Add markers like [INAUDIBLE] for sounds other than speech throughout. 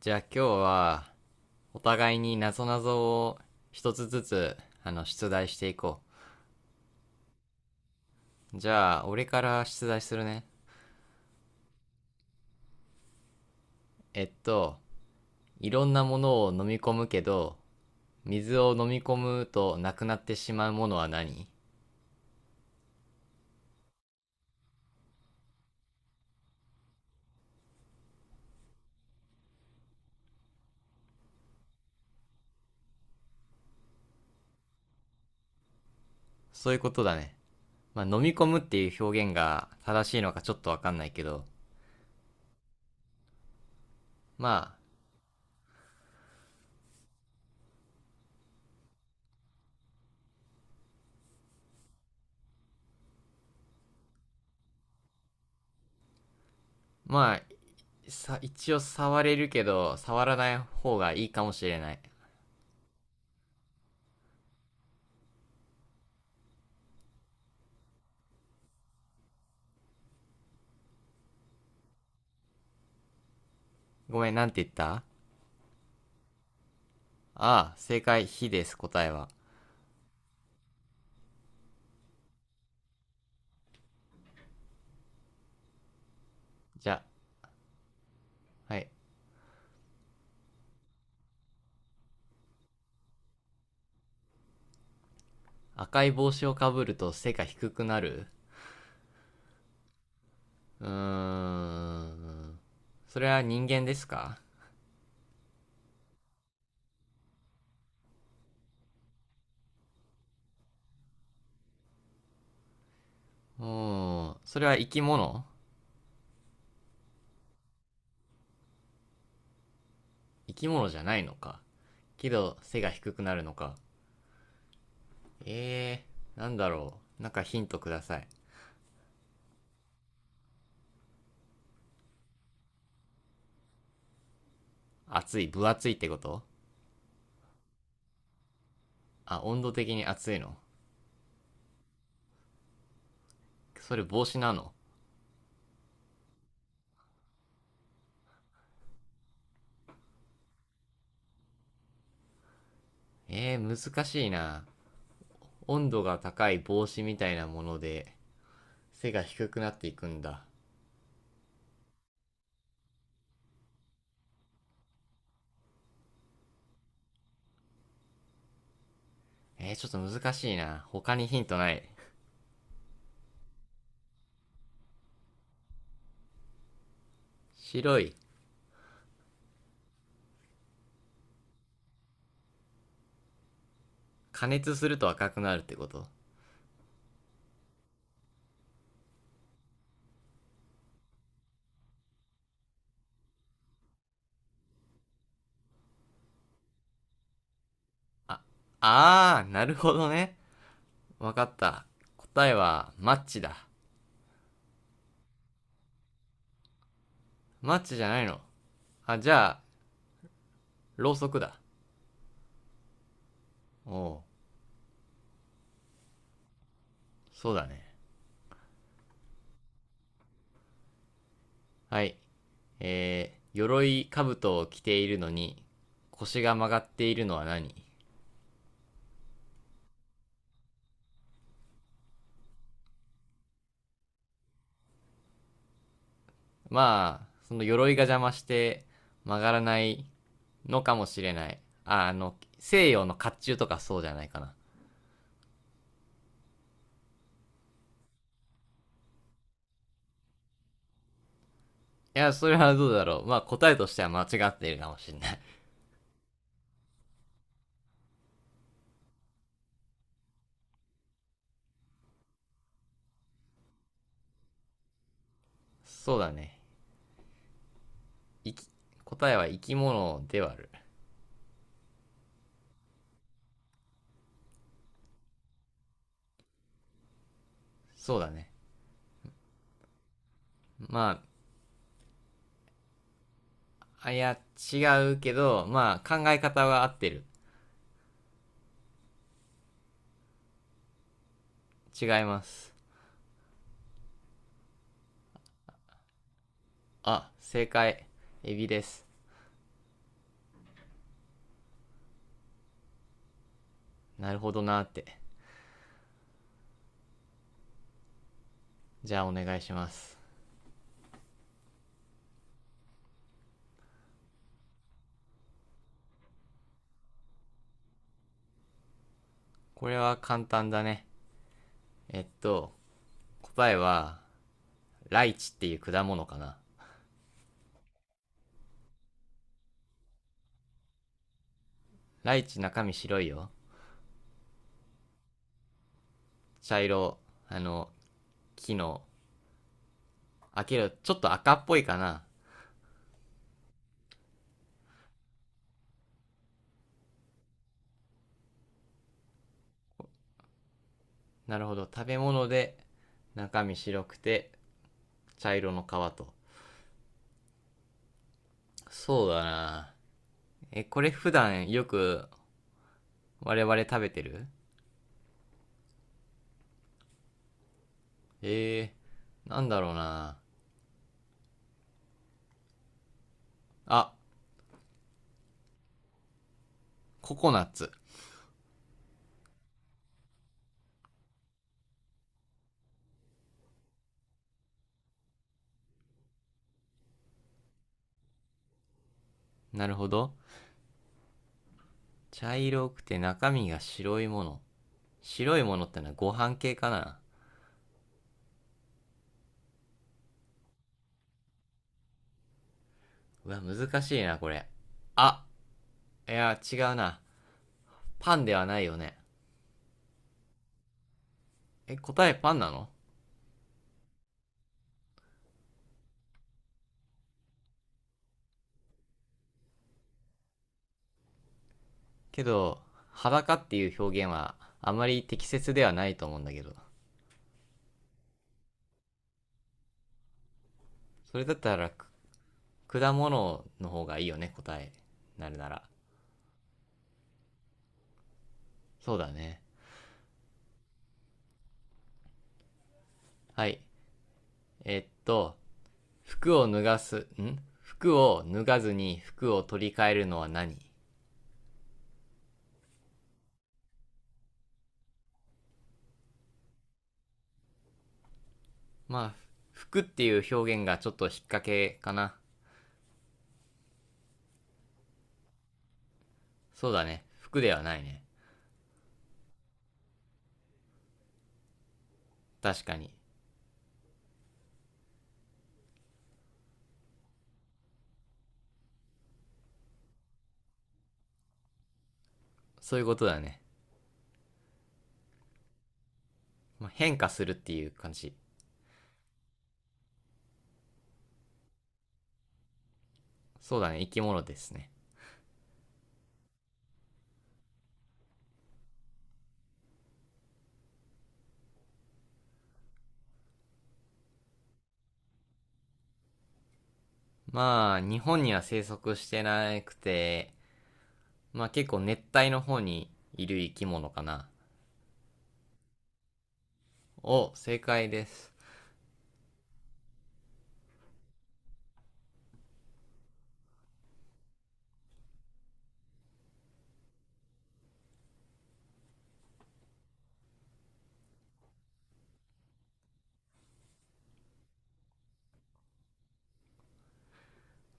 じゃあ今日はお互いに謎々を一つずつ出題していこう。じゃあ俺から出題するね。えっと、いろんなものを飲み込むけど、水を飲み込むとなくなってしまうものは何？そういうことだね。まあ飲み込むっていう表現が正しいのかちょっとわかんないけど、まあ、まあ、一応触れるけど、触らない方がいいかもしれない。ごめん、なんて言った？ああ、正解、火です、答えは。じゃあ、はい。赤い帽子をかぶると背が低くなる。うーん。それは人間ですか？うーん。それは生き物？生き物じゃないのか。けど、背が低くなるのか。えなんだろう。なんかヒントください。暑い、分厚いってこと？あ、温度的に暑いの。それ帽子なの？難しいな。温度が高い帽子みたいなもので、背が低くなっていくんだ。ちょっと難しいな。他にヒントない？白い。加熱すると赤くなるってこと？あー、なるほどね。わかった。答えは、マッチだ。マッチじゃないの？あ、じゃあ、ろうそくだ。おう、そうだね。はい。鎧兜を着ているのに、腰が曲がっているのは何？まあ、その鎧が邪魔して曲がらないのかもしれない。あ、西洋の甲冑とかそうじゃないかな。いや、それはどうだろう。まあ、答えとしては間違っているかもしれない。そうだね。いき、答えは生き物ではある。そうだね。まあ、あ、いや、違うけど、まあ、考え方は合ってる。違います。あ、正解。エビです。なるほどなーって。じゃあ、お願いします。これは簡単だね。えっと、答えは、ライチっていう果物かな。ライチ中身白いよ。茶色、あの、木の、あ、けど、ちょっと赤っぽいかな。なるほど。食べ物で、中身白くて、茶色の皮と。そうだな。え、これ普段よく我々食べてる？えなんだろうな。あ、ココナッツ。なるほど。茶色くて中身が白いもの。白いものってのはご飯系かな。うわ、難しいな、これ。あ、いや、違うな。パンではないよね。え、答えパンなの？けど、裸っていう表現はあまり適切ではないと思うんだけど。それだったら、果物の方がいいよね、答え。なるなら。そうだね。はい。えっと、服を脱がずに服を取り替えるのは何？まあ、服っていう表現がちょっと引っ掛けかな。そうだね。服ではないね。確かに。そういうことだね。まあ、変化するっていう感じ。そうだね。生き物ですね。まあ、日本には生息してなくて、まあ結構熱帯の方にいる生き物かな。お、正解です。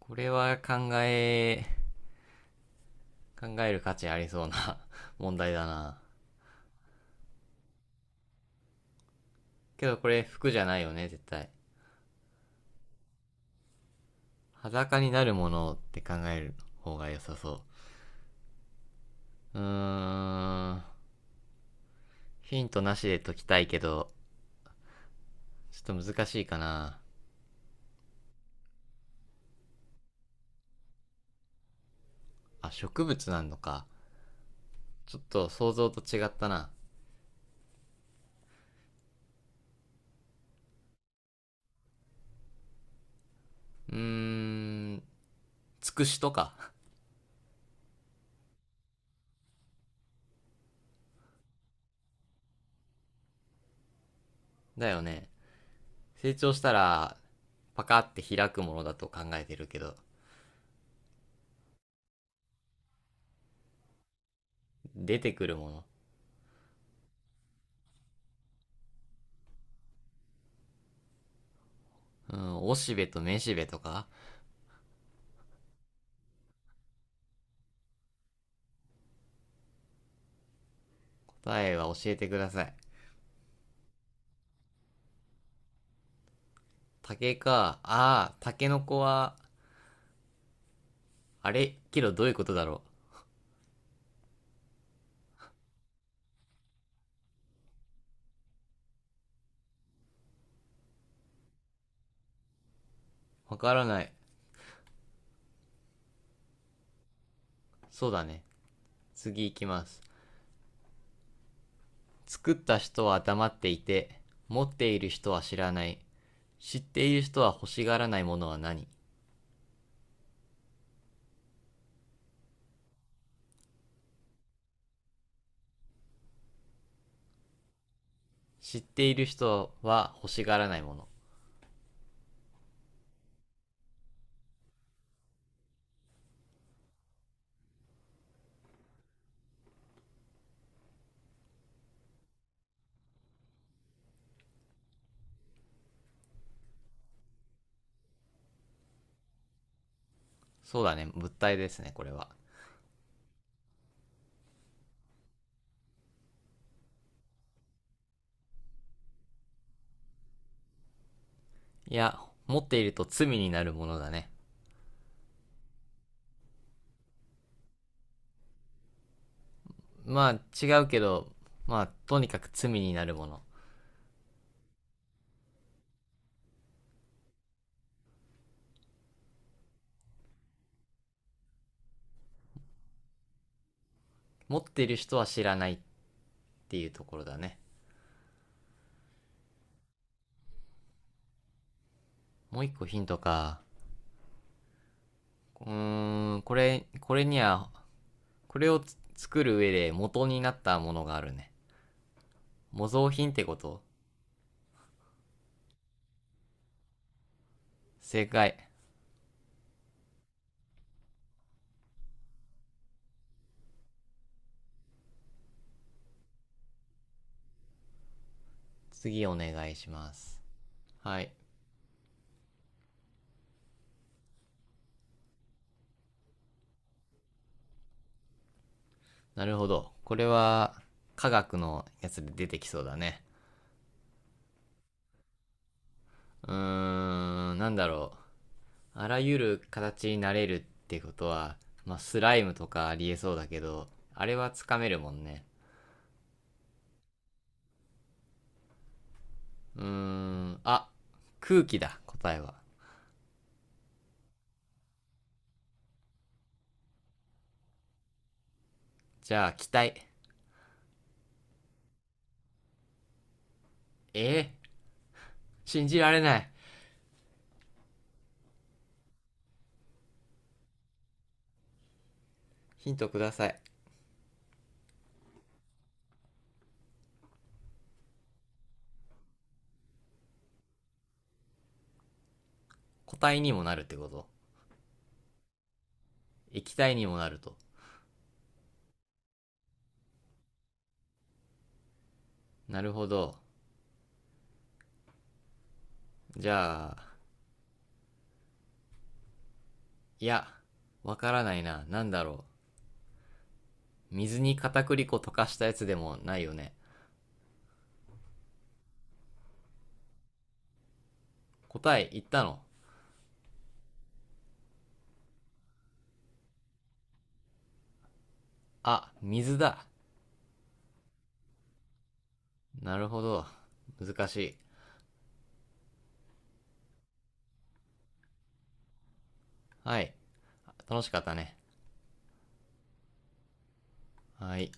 これは考え、考える価値ありそうな [LAUGHS] 問題だな。けどこれ服じゃないよね、絶対。裸になるものって考える方が良さそう。うーん。ヒントなしで解きたいけど、ちょっと難しいかな。あ、植物なんのか。ちょっと想像と違ったな。うーん、つくしとか。だよね。成長したら、パカって開くものだと考えてるけど、出てくるもの。うん、おしべとめしべとか。答えは教えてください。竹か。ああ、竹の子は、あれキロどういうことだろう。わからない。そうだね。次行きます。作った人は黙っていて、持っている人は知らない。知っている人は欲しがらないものは何？知っている人は欲しがらないもの。そうだね。物体ですね、これは。いや、持っていると罪になるものだね。まあ、違うけど、まあ、とにかく罪になるもの。持っている人は知らないっていうところだね。もう一個ヒントか。うーん、これには、これを作る上で元になったものがあるね。模造品ってこと？正解。次お願いします。はい。なるほど。これは、科学のやつで出てきそうだね。うーん、なんだろう。あらゆる形になれるってことは、まあ、スライムとかありえそうだけど、あれはつかめるもんね。うーん、あ、空気だ、答えは。じゃあ、気体。え、信じられない。ヒントください。固体にもなるってこと？液体にもなると。なるほど。じゃあ、いや、わからないな。なんだろう。水に片栗粉溶かしたやつでもないよね。答え言ったの？あ、水だ。なるほど。難しい。はい。楽しかったね。はい。